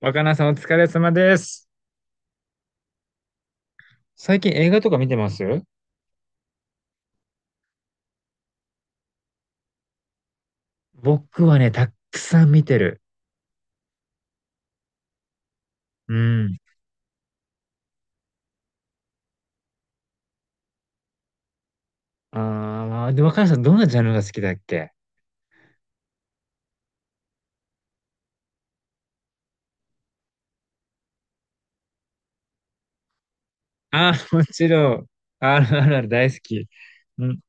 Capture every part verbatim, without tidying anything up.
若菜さんお疲れ様です。最近映画とか見てます僕はね、たくさん見てる。うん。ああ、で、若菜さんどんなジャンルが好きだっけあーもちろん、アールアールアール 大好き。うん。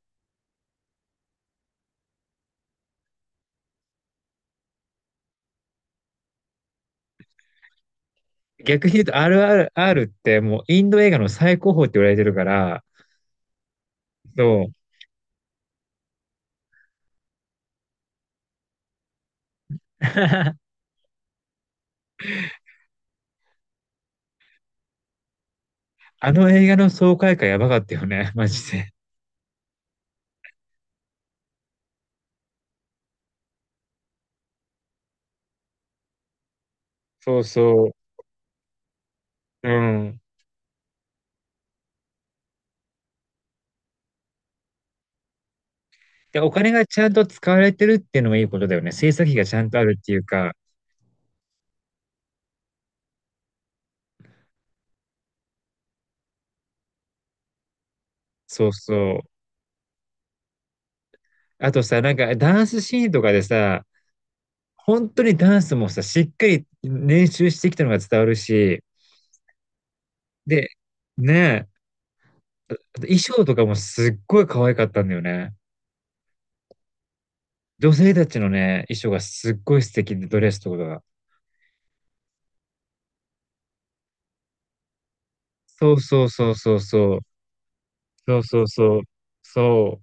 逆に言うと アールアールアール ってもうインド映画の最高峰って言われてるから、そう。あの映画の爽快感やばかったよね、マジで。そうそう。うん。で、お金がちゃんと使われてるっていうのがいいことだよね。制作費がちゃんとあるっていうか、そうそう。あとさ、なんかダンスシーンとかでさ、本当にダンスもさ、しっかり練習してきたのが伝わるし、で、ねえ、あと衣装とかもすっごい可愛かったんだよね。女性たちのね、衣装がすっごい素敵で、ドレスとかが。そうそうそうそうそう。そうそうそう。そ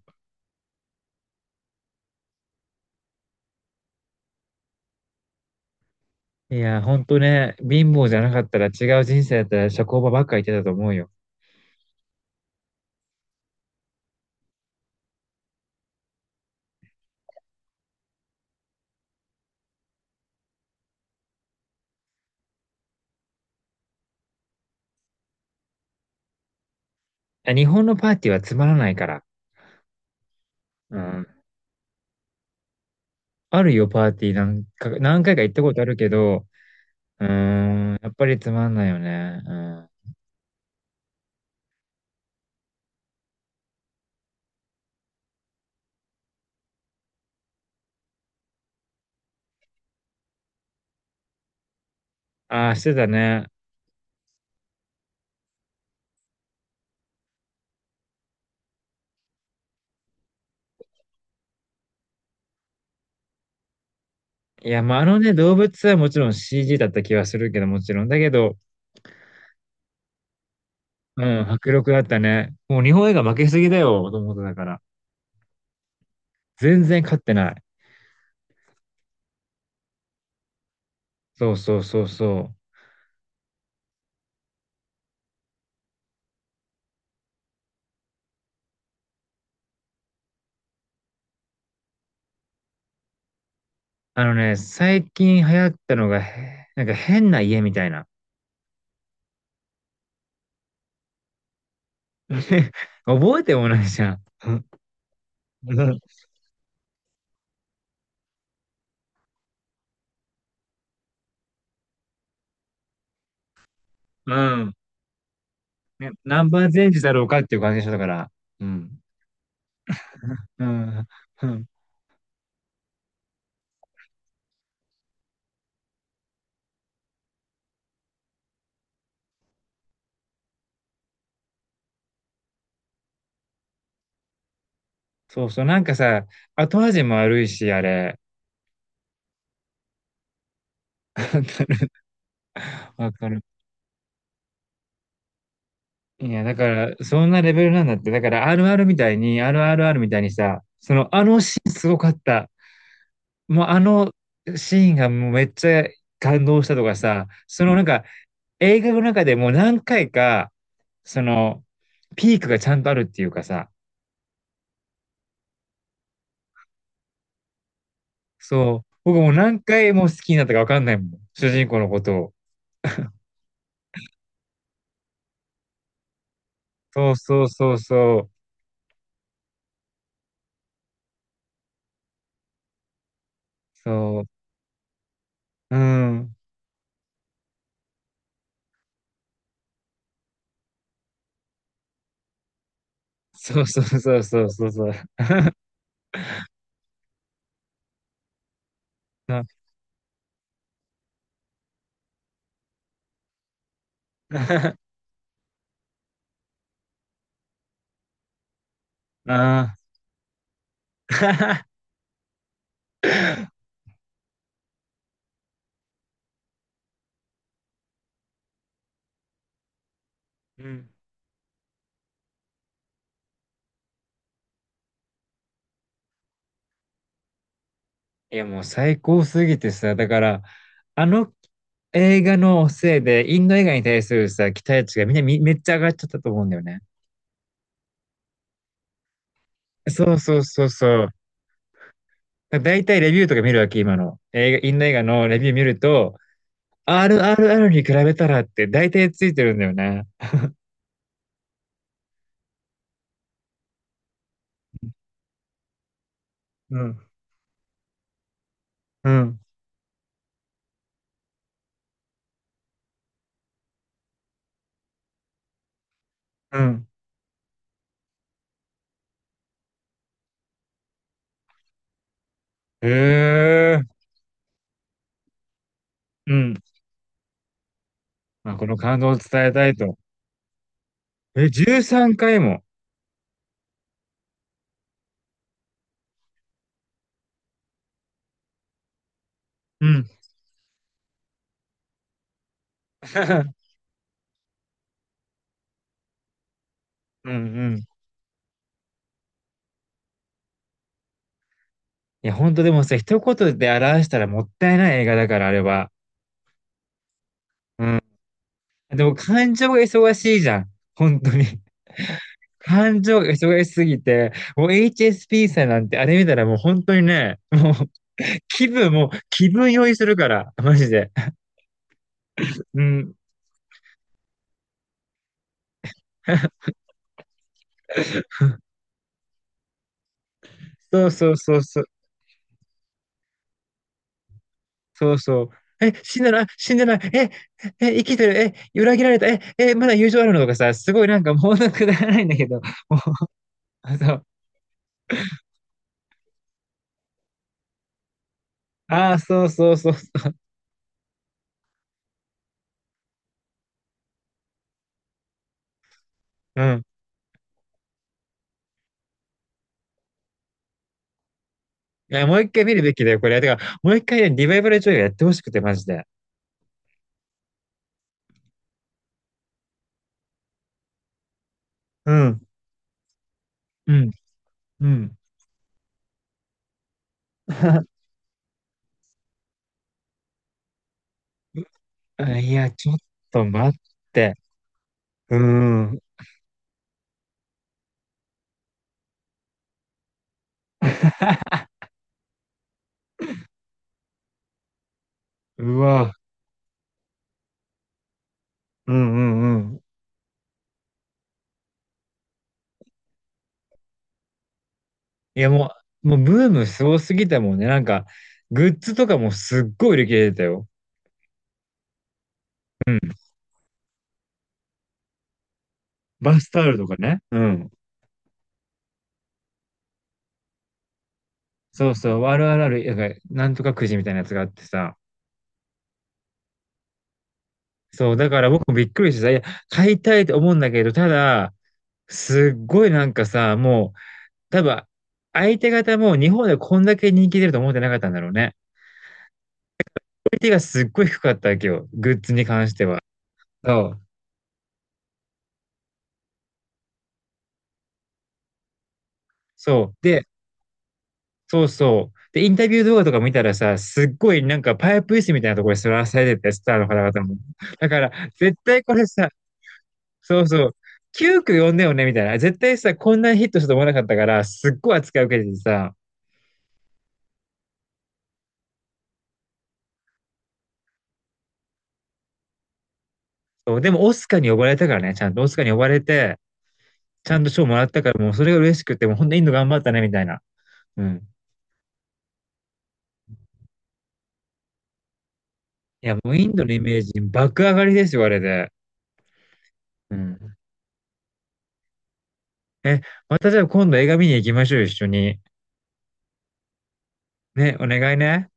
う。いや、本当ね、貧乏じゃなかったら違う人生だったら社交場ばっか行ってたと思うよ。あ日本のパーティーはつまらないから。うん。あるよ、パーティーなんか、何回か行ったことあるけど、うーん、やっぱりつまんないよね。うん。ああ、してたね。いや、まあ、あのね、動物はもちろん シージー だった気はするけど、もちろん。だけど、うん、迫力だったね。もう日本映画負けすぎだよ、と思ってたから。全然勝ってない。そうそうそうそう。あのね、最近流行ったのが、へなんか変な家みたいな。覚えてもないじゃん。うん。うんね、ナンバーチェンジだろうかっていう感じでしたから。うん。うん。うんそうそう、なんかさ、後味も悪いし、あれ。わかる。いや、だから、そんなレベルなんだって。だから、アールアール みたいに、アールアールアール みたいにさ、その、あのシーンすごかった。もう、あのシーンがもうめっちゃ感動したとかさ、そのなんか、映画の中でもう何回か、その、ピークがちゃんとあるっていうかさ、そう、僕もう何回も好きになったかわかんないもん。主人公のことを。そうそうそうそう。そう。うん。そうそうそうそうそうそう。あ あー。うんいやもう最高すぎてさ、だから、あの映画のせいで、インド映画に対するさ、期待値がみんなみめっちゃ上がっちゃったと思うんだよね。そうそうそうそう。だいたいレビューとか見るわけ、今の。映画、インド映画のレビュー見ると、アールアールアール に比べたらって大体ついてるんだよね。うん。うん。うん。へえ。うん。まあ、この感動を伝えたいと。え、じゅうさんかいも。うん。うんうん。いや、本当でもさ、一言で表したらもったいない映画だから、あれは。うん。でも感情が忙しいじゃん。本当に。感情が忙しすぎて、もう エイチエスピー さんなんてあれ見たらもう本当にね、もう気分、もう気分酔いするから、マジで。うん。そうそうそうそう。そうそう。え、死んでない、死んでない、え、え、生きてる、え、裏切られた、え、え、まだ友情あるのとかさ、すごいなんかもうなくだらないんだけど、もう、そうああ、そうそうそう。うん。いや、もう一回見るべきだよ、これ。てか、もう一回ね、リバイバル上映やってほしくて、マジで。うん。うん。うん。あいや、ちょっと待って。うん。うわ。うんうんうん。いや、もう、もうブームすごすぎたもんね。なんか、グッズとかもすっごい売り切れてたよ。うん。バスタオルとかね。うん。そうそう。あるあるある、なんか、なんとかくじみたいなやつがあってさ。そう。だから僕もびっくりしてさ、いや、買いたいと思うんだけど、ただ、すっごいなんかさ、もう、多分、相手方も日本でこんだけ人気出ると思ってなかったんだろうね。クオリティがすっごい低かったわけよ。グッズに関しては。そう。そう。で、そうそう。で、インタビュー動画とか見たらさ、すっごいなんかパイプ椅子みたいなところに座らされてて、スターの方々も。だから、絶対これさ、そうそう。急区呼んでよね、みたいな。絶対さ、こんなにヒットしたと思わなかったから、すっごい扱い受けててさ。そうでも、オスカーに呼ばれたからね、ちゃんとオスカーに呼ばれて、ちゃんと賞もらったから、もうそれが嬉しくて、もうほんとインド頑張ったね、みたいな。うん。いや、もうインドのイメージ爆上がりですよ、あれで。うん。え、またじゃあ今度映画見に行きましょう、一緒に。ね、お願いね。